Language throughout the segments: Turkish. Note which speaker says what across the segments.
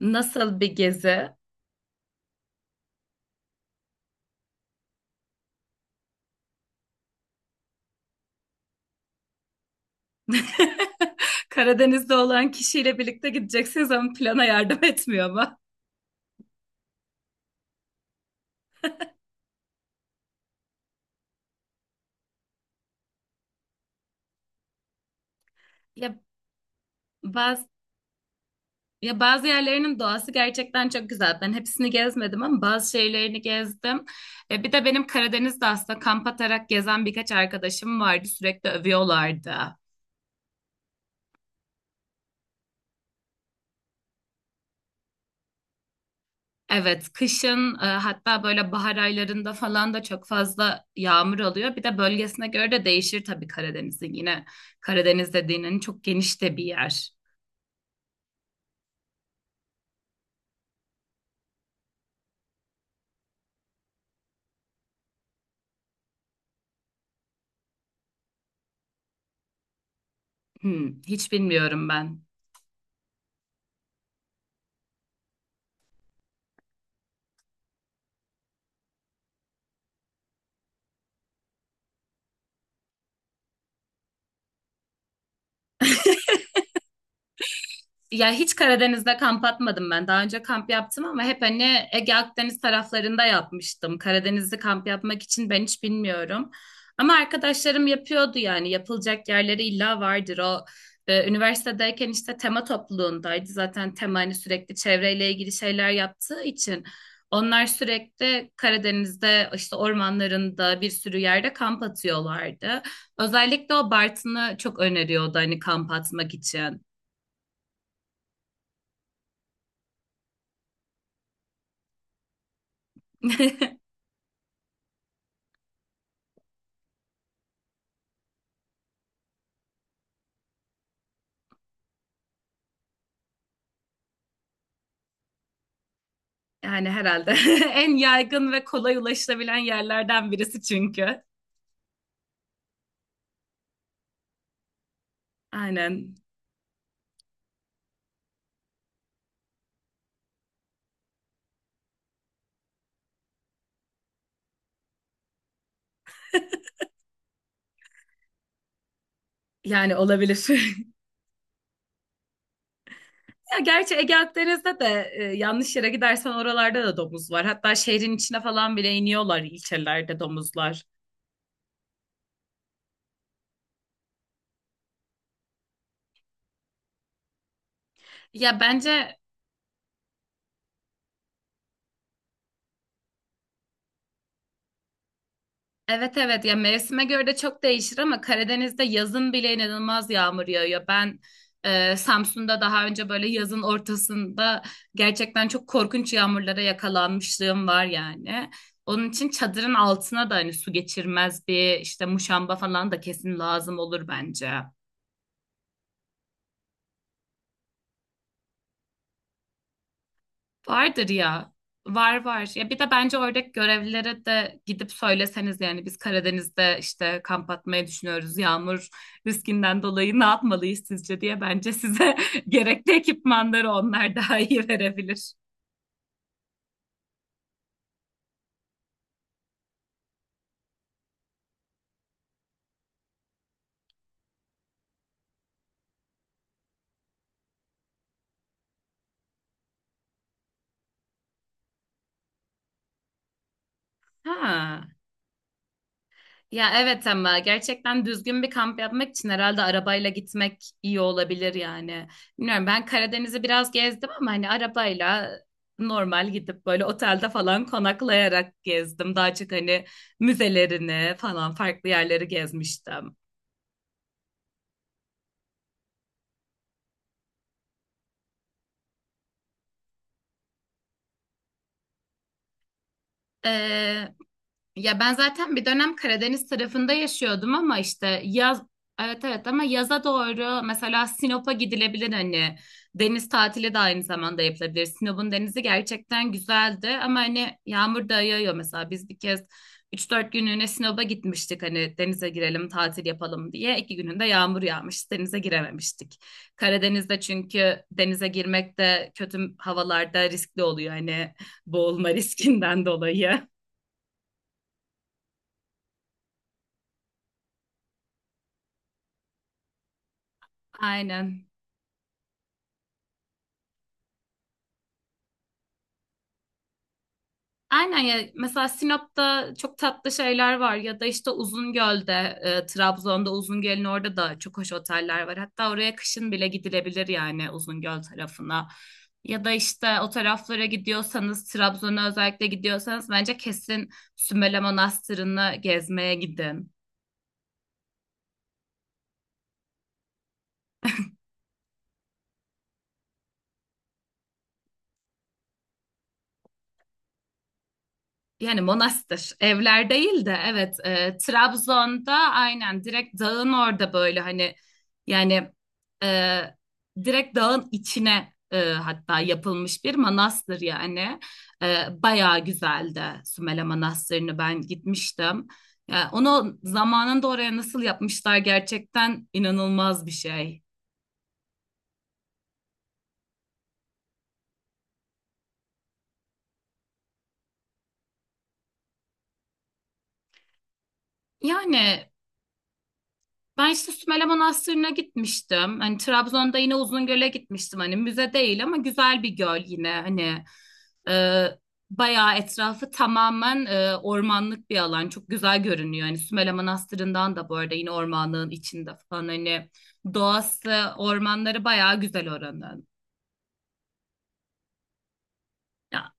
Speaker 1: Nasıl bir gezi? Karadeniz'de olan kişiyle birlikte gideceksiniz ama plana yardım etmiyor mu? Ya bazı ya bazı yerlerinin doğası gerçekten çok güzel. Ben hepsini gezmedim ama bazı şeylerini gezdim. Bir de benim Karadeniz'de aslında kamp atarak gezen birkaç arkadaşım vardı. Sürekli övüyorlardı. Evet, kışın hatta böyle bahar aylarında falan da çok fazla yağmur oluyor. Bir de bölgesine göre de değişir tabii Karadeniz'in. Yine Karadeniz dediğinin çok geniş de bir yer. Hmm, hiç bilmiyorum ben. Ya hiç Karadeniz'de kamp atmadım ben. Daha önce kamp yaptım ama hep hani Ege Akdeniz taraflarında yapmıştım. Karadeniz'de kamp yapmak için ben hiç bilmiyorum. Ama arkadaşlarım yapıyordu yani yapılacak yerleri illa vardır. O üniversitedeyken işte tema topluluğundaydı. Zaten tema hani sürekli çevreyle ilgili şeyler yaptığı için onlar sürekli Karadeniz'de işte ormanlarında bir sürü yerde kamp atıyorlardı. Özellikle o Bartın'ı çok öneriyordu hani kamp atmak için. Yani herhalde en yaygın ve kolay ulaşılabilen yerlerden birisi çünkü. Aynen. Yani olabilir. Ya gerçi Ege Akdeniz'de de yanlış yere gidersen oralarda da domuz var. Hatta şehrin içine falan bile iniyorlar ilçelerde domuzlar. Ya bence evet evet ya mevsime göre de çok değişir ama Karadeniz'de yazın bile inanılmaz yağmur yağıyor. Ben Samsun'da daha önce böyle yazın ortasında gerçekten çok korkunç yağmurlara yakalanmışlığım var yani. Onun için çadırın altına da hani su geçirmez bir işte muşamba falan da kesin lazım olur bence. Vardır ya. Var var. Ya bir de bence oradaki görevlilere de gidip söyleseniz yani biz Karadeniz'de işte kamp atmayı düşünüyoruz. Yağmur riskinden dolayı ne yapmalıyız sizce diye bence size gerekli ekipmanları onlar daha iyi verebilir. Ha. Ya evet ama gerçekten düzgün bir kamp yapmak için herhalde arabayla gitmek iyi olabilir yani. Bilmiyorum ben Karadeniz'i biraz gezdim ama hani arabayla normal gidip böyle otelde falan konaklayarak gezdim. Daha çok hani müzelerini falan farklı yerleri gezmiştim. Ee, Ya ben zaten bir dönem Karadeniz tarafında yaşıyordum ama işte yaz evet evet ama yaza doğru mesela Sinop'a gidilebilir hani deniz tatili de aynı zamanda yapılabilir. Sinop'un denizi gerçekten güzeldi ama hani yağmur da yağıyor mesela biz bir kez üç dört günlüğüne Sinop'a gitmiştik hani denize girelim tatil yapalım diye. İki gününde yağmur yağmış denize girememiştik. Karadeniz'de çünkü denize girmek de kötü havalarda riskli oluyor hani boğulma riskinden dolayı. Aynen. Aynen ya mesela Sinop'ta çok tatlı şeyler var ya da işte Uzungöl'de Trabzon'da Uzungöl'ün orada da çok hoş oteller var. Hatta oraya kışın bile gidilebilir yani Uzungöl tarafına. Ya da işte o taraflara gidiyorsanız Trabzon'a özellikle gidiyorsanız bence kesin Sümele Manastırı'nı gezmeye gidin. Yani monastır, evler değil de evet Trabzon'da aynen direkt dağın orada böyle hani yani e, direkt dağın içine hatta yapılmış bir manastır yani. Bayağı güzeldi Sümele Manastırı'nı ben gitmiştim. Ya onu zamanında oraya nasıl yapmışlar gerçekten inanılmaz bir şey. Yani ben işte Sümele Manastırı'na gitmiştim. Hani Trabzon'da yine Uzungöl'e gitmiştim. Hani müze değil ama güzel bir göl yine. Hani e, bayağı etrafı tamamen ormanlık bir alan. Çok güzel görünüyor. Hani Sümele Manastırı'ndan da bu arada yine ormanlığın içinde falan. Hani doğası, ormanları bayağı güzel oranın. Ya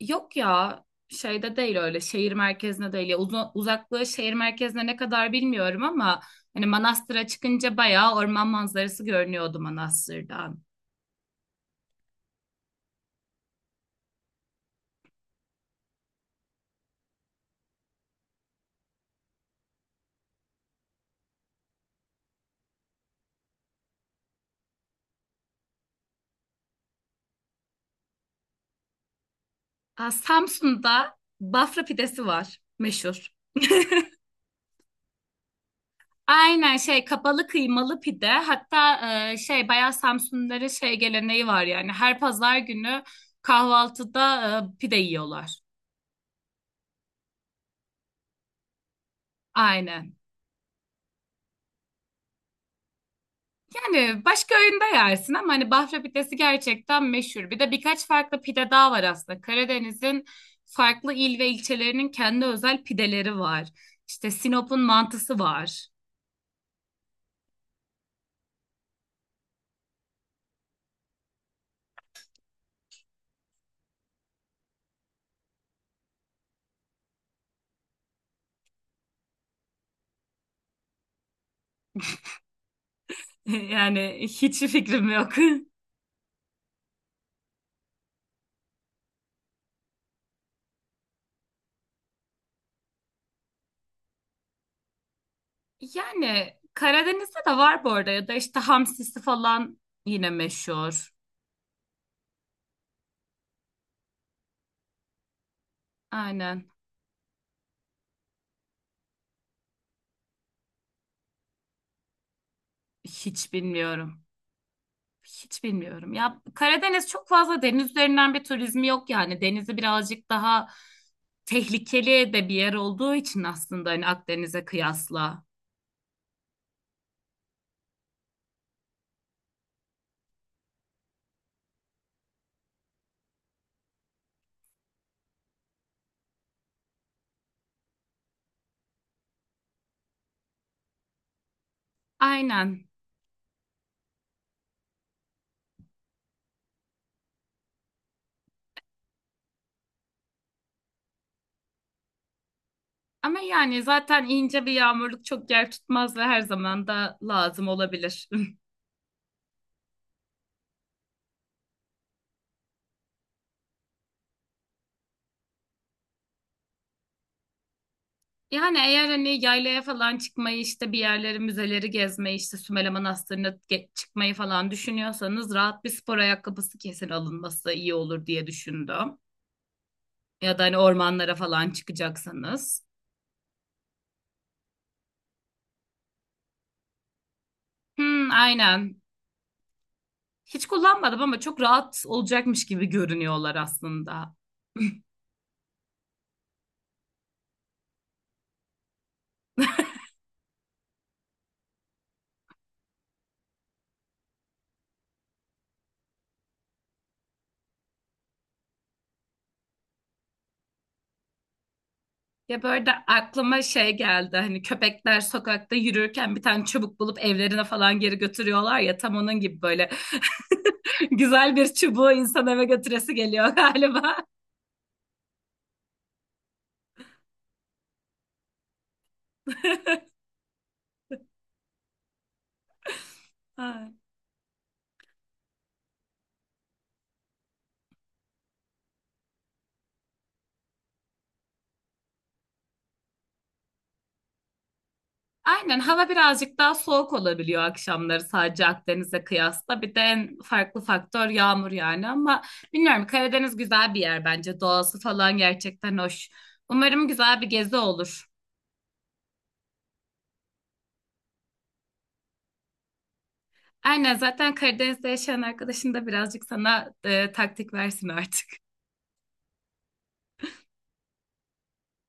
Speaker 1: yok ya şeyde değil öyle şehir merkezine değil ya uzaklığı şehir merkezine ne kadar bilmiyorum ama hani Manastır'a çıkınca bayağı orman manzarası görünüyordu Manastır'dan. Aa, Samsun'da Bafra pidesi var meşhur. Aynen şey kapalı kıymalı pide hatta şey bayağı Samsunluların şey geleneği var yani her pazar günü kahvaltıda pide yiyorlar. Aynen. Yani başka öğünde yersin ama hani Bafra pidesi gerçekten meşhur. Bir de birkaç farklı pide daha var aslında. Karadeniz'in farklı il ve ilçelerinin kendi özel pideleri var. İşte Sinop'un mantısı var. Yani hiç fikrim yok. Yani Karadeniz'de de var bu arada ya da işte hamsisi falan yine meşhur. Aynen. Hiç bilmiyorum. Hiç bilmiyorum. Ya Karadeniz çok fazla deniz üzerinden bir turizmi yok yani. Denizi birazcık daha tehlikeli de bir yer olduğu için aslında hani Akdeniz'e kıyasla. Aynen. Ama yani zaten ince bir yağmurluk çok yer tutmaz ve her zaman da lazım olabilir. Yani eğer hani yaylaya falan çıkmayı işte bir yerleri müzeleri gezmeyi işte Sümele Manastırı'na çıkmayı falan düşünüyorsanız rahat bir spor ayakkabısı kesin alınması iyi olur diye düşündüm. Ya da hani ormanlara falan çıkacaksanız. Hmm, aynen. Hiç kullanmadım ama çok rahat olacakmış gibi görünüyorlar aslında. Ya böyle aklıma şey geldi hani köpekler sokakta yürürken bir tane çubuk bulup evlerine falan geri götürüyorlar ya tam onun gibi böyle güzel bir çubuğu insan eve götüresi geliyor galiba. Ay. Aynen hava birazcık daha soğuk olabiliyor akşamları sadece Akdeniz'e kıyasla. Bir de en farklı faktör yağmur yani ama bilmiyorum Karadeniz güzel bir yer bence. Doğası falan gerçekten hoş. Umarım güzel bir gezi olur. Aynen zaten Karadeniz'de yaşayan arkadaşın da birazcık sana taktik versin artık.